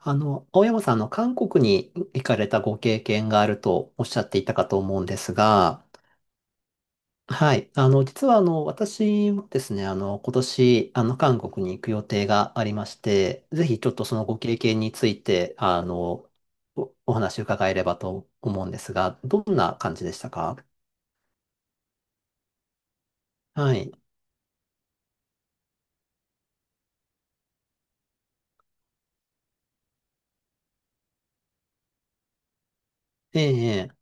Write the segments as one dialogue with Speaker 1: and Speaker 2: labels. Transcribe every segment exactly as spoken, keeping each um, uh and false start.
Speaker 1: あの、青山さん、あの、韓国に行かれたご経験があるとおっしゃっていたかと思うんですが、はい。あの、実は、あの、私もですね、あの、今年、あの、韓国に行く予定がありまして、ぜひ、ちょっとそのご経験について、あの、お、お話を伺えればと思うんですが、どんな感じでしたか？はい。ええ、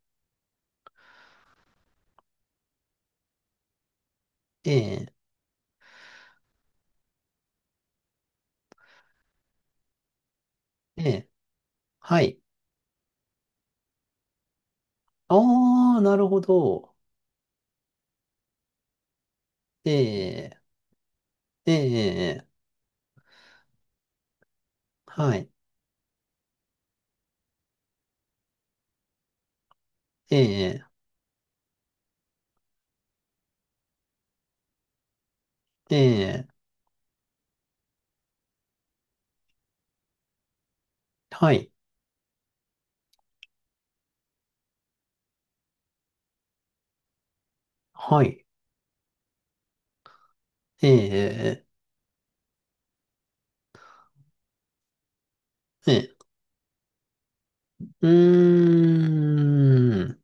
Speaker 1: ええ、ええ、はい。ああ、なるほど。ええ、ええ、はい。ええ、ええ、はい。はい。ええ、ええ、うーん、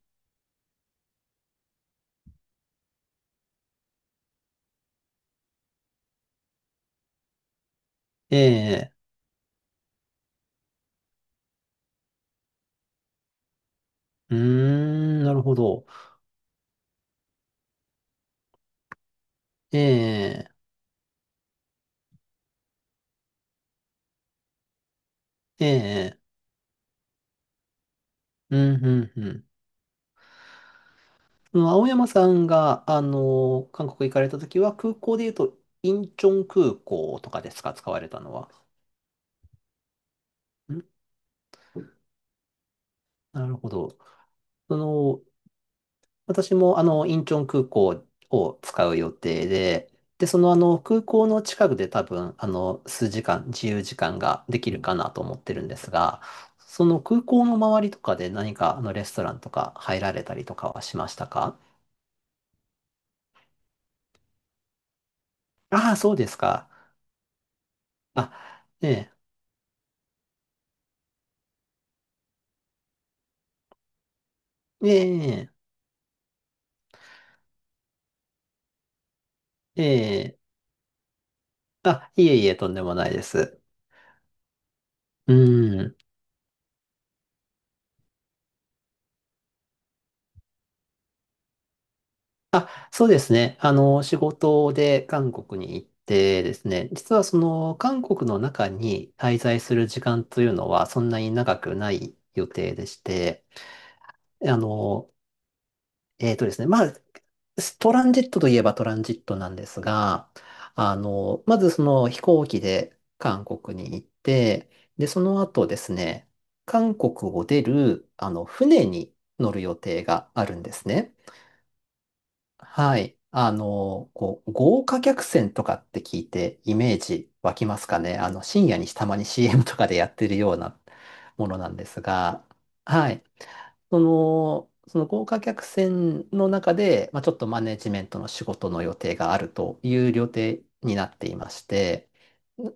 Speaker 1: ええ、うーん、なるほど。ええ、ええ、うん、うん、うん。その青山さんが、あの、韓国行かれたときは、空港で言うと、インチョン空港とかですか、使われたのは。ん、なるほど。その、私もあの、インチョン空港を使う予定で、で、そのあの、空港の近くで多分、あの、数時間、自由時間ができるかなと思ってるんですが、その空港の周りとかで何かあの、レストランとか入られたりとかはしましたか？ああ、そうですか。あ、ええ、ええ、ええ、あ、いえいえ、とんでもないです。うん。あ、そうですね。あの、仕事で韓国に行ってですね、実はその韓国の中に滞在する時間というのはそんなに長くない予定でして、あの、えーとですね、まあ、トランジットといえばトランジットなんですが、あの、まずその飛行機で韓国に行って、で、その後ですね、韓国を出る、あの、船に乗る予定があるんですね。はい。あの、こう、豪華客船とかって聞いてイメージ湧きますかね。あの、深夜にたまに シーエム とかでやってるようなものなんですが、はい。その、その豪華客船の中で、まあ、ちょっとマネジメントの仕事の予定があるという予定になっていまして、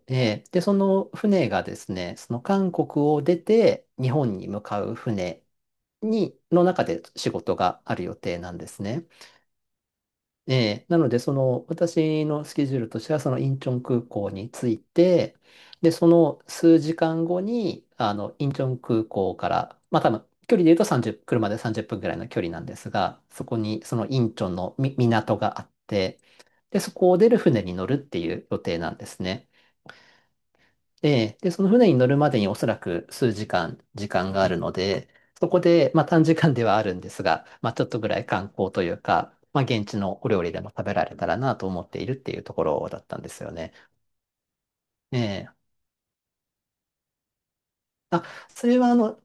Speaker 1: えーで、その船がですね、その韓国を出て日本に向かう船に、の中で仕事がある予定なんですね。ええ、なので、その、私のスケジュールとしては、そのインチョン空港に着いて、で、その数時間後に、あの、インチョン空港から、まあ多分、距離で言うとさんじゅう、車でさんじゅっぷんぐらいの距離なんですが、そこに、そのインチョンのみ港があって、で、そこを出る船に乗るっていう予定なんですね。で、で、その船に乗るまでにおそらく数時間、時間があるので、そこで、まあ短時間ではあるんですが、まあちょっとぐらい観光というか、まあ現地のお料理でも食べられたらなと思っているっていうところだったんですよね。ええ。あ、それはあの、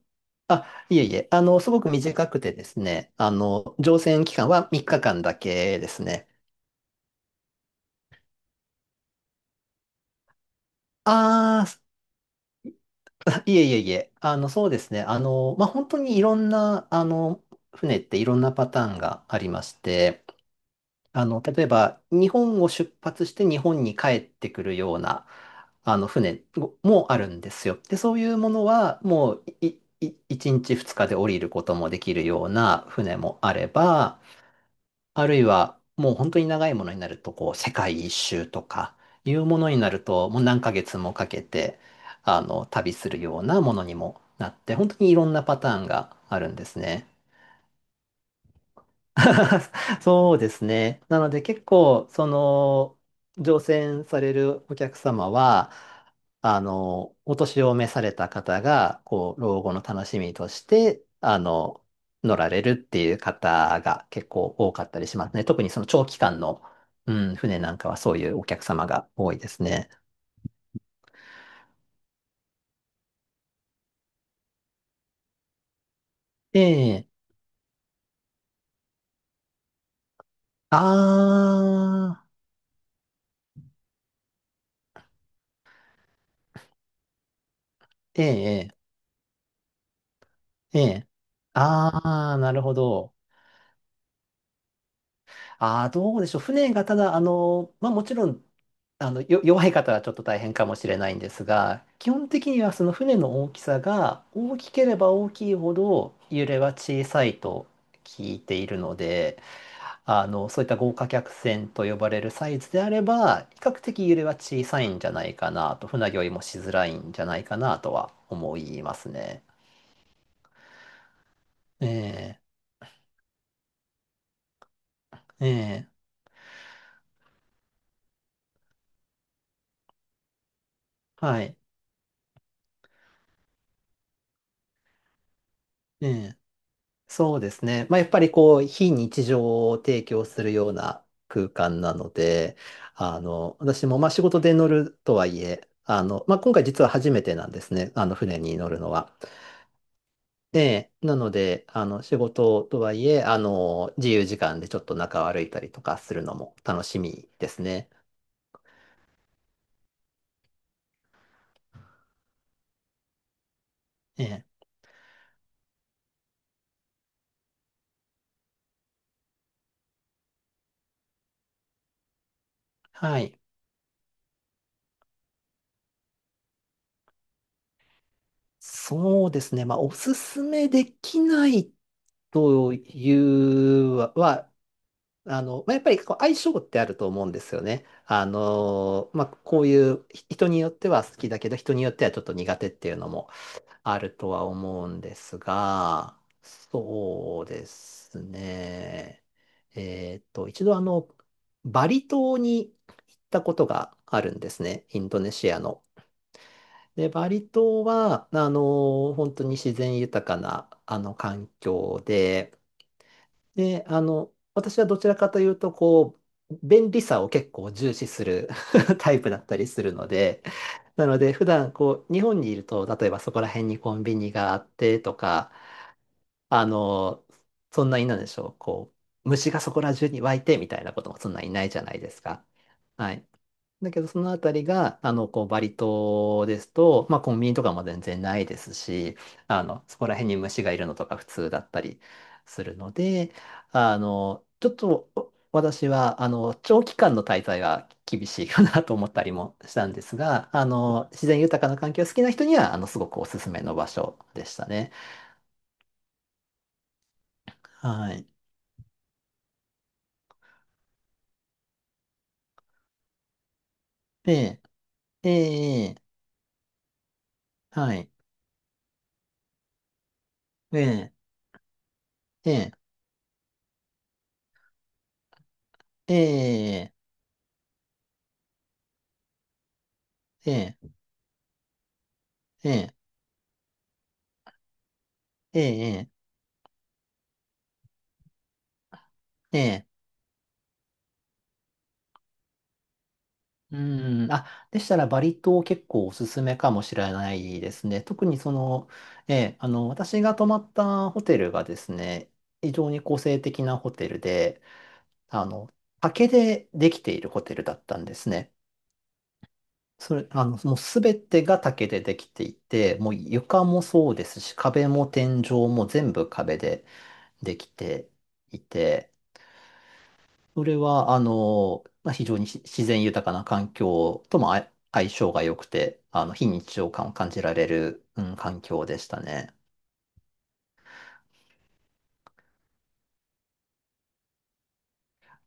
Speaker 1: あ、いえいえ、あの、すごく短くてですね、あの、乗船期間はみっかかんだけですね。ああ、いえいえいえ、あの、そうですね、あの、まあ本当にいろんな、あの、船っていろんなパターンがありまして、あの、例えば、日本を出発して日本に帰ってくるような、あの、船もあるんですよ。で、そういうものは、もう、い、い、いちにちふつかで降りることもできるような船もあれば、あるいは、もう本当に長いものになると、こう、世界一周とか、いうものになると、もう何ヶ月もかけて、あの、旅するようなものにもなって、本当にいろんなパターンがあるんですね。そうですね。なので結構、その、乗船されるお客様は、あの、お年を召された方が、こう、老後の楽しみとして、あの、乗られるっていう方が結構多かったりしますね。特にその長期間の、うん、船なんかはそういうお客様が多いですね。ええ、ああ、ええ、ええ、ああ、なるほど。ああ、どうでしょう。船がただ、あの、まあもちろんあの、よ、弱い方はちょっと大変かもしれないんですが、基本的にはその船の大きさが大きければ大きいほど揺れは小さいと聞いているので、あの、そういった豪華客船と呼ばれるサイズであれば、比較的揺れは小さいんじゃないかなと、船酔いもしづらいんじゃないかなとは思いますね。ええ、ええ、はい。ええ、そうですね。まあ、やっぱりこう、非日常を提供するような空間なので、あの、私もまあ仕事で乗るとはいえ、あの、まあ、今回実は初めてなんですね。あの、船に乗るのは。で、なので、あの、仕事とはいえ、あの、自由時間でちょっと中を歩いたりとかするのも楽しみですね。ええ、はい。そうですね。まあ、おすすめできないというは、あの、まあ、やっぱりこう相性ってあると思うんですよね。あの、まあ、こういうひ人によっては好きだけど、人によってはちょっと苦手っていうのもあるとは思うんですが、そうですね。えーっと、一度あの、バリ島に行ったことがあるんですね。インドネシアの。で、バリ島は、あの、本当に自然豊かな、あの、環境で、で、あの、私はどちらかというと、こう、便利さを結構重視する タイプだったりするので、なので、普段こう、日本にいると、例えばそこら辺にコンビニがあってとか、あの、そんなになんでしょう、こう、虫がそこら中に湧いてみたいなこともそんなにないじゃないですか。はい。だけど、そのあたりが、あの、こう、バリ島ですと、まあ、コンビニとかも全然ないですし、あの、そこら辺に虫がいるのとか普通だったりするので、あの、ちょっと、お私は、あの、長期間の滞在は厳しいかなと思ったりもしたんですが、あの、自然豊かな環境が好きな人には、あの、すごくおすすめの場所でしたね。はい。ええ、ええ、はい。ええ、ええ、ええ、ええ、ええ、ええ、ええ、うん。あ、でしたらバリ島結構おすすめかもしれないですね。特にその、ええ、あの、私が泊まったホテルがですね、非常に個性的なホテルで、あの、竹でできているホテルだったんですね。それ、あの、もうすべてが竹でできていて、もう床もそうですし、壁も天井も全部壁でできていて、それは、あの、まあ、非常にし自然豊かな環境ともあ相性が良くて、あの、非日常感を感じられる、うん、環境でしたね。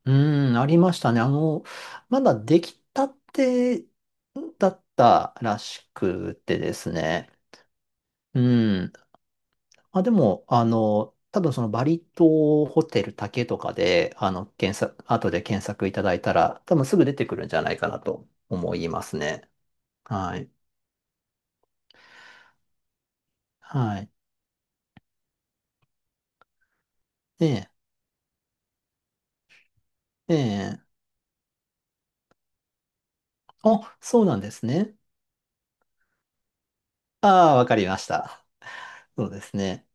Speaker 1: うん、ありましたね。あの、まだできたてだったらしくてですね。うん。まあ、でも、あの、多分そのバリ島ホテル竹とかで、あの、検索、後で検索いただいたら、多分すぐ出てくるんじゃないかなと思いますね。はい。はい。ええ、ええ、お、そうなんですね。ああ、わかりました。そうですね。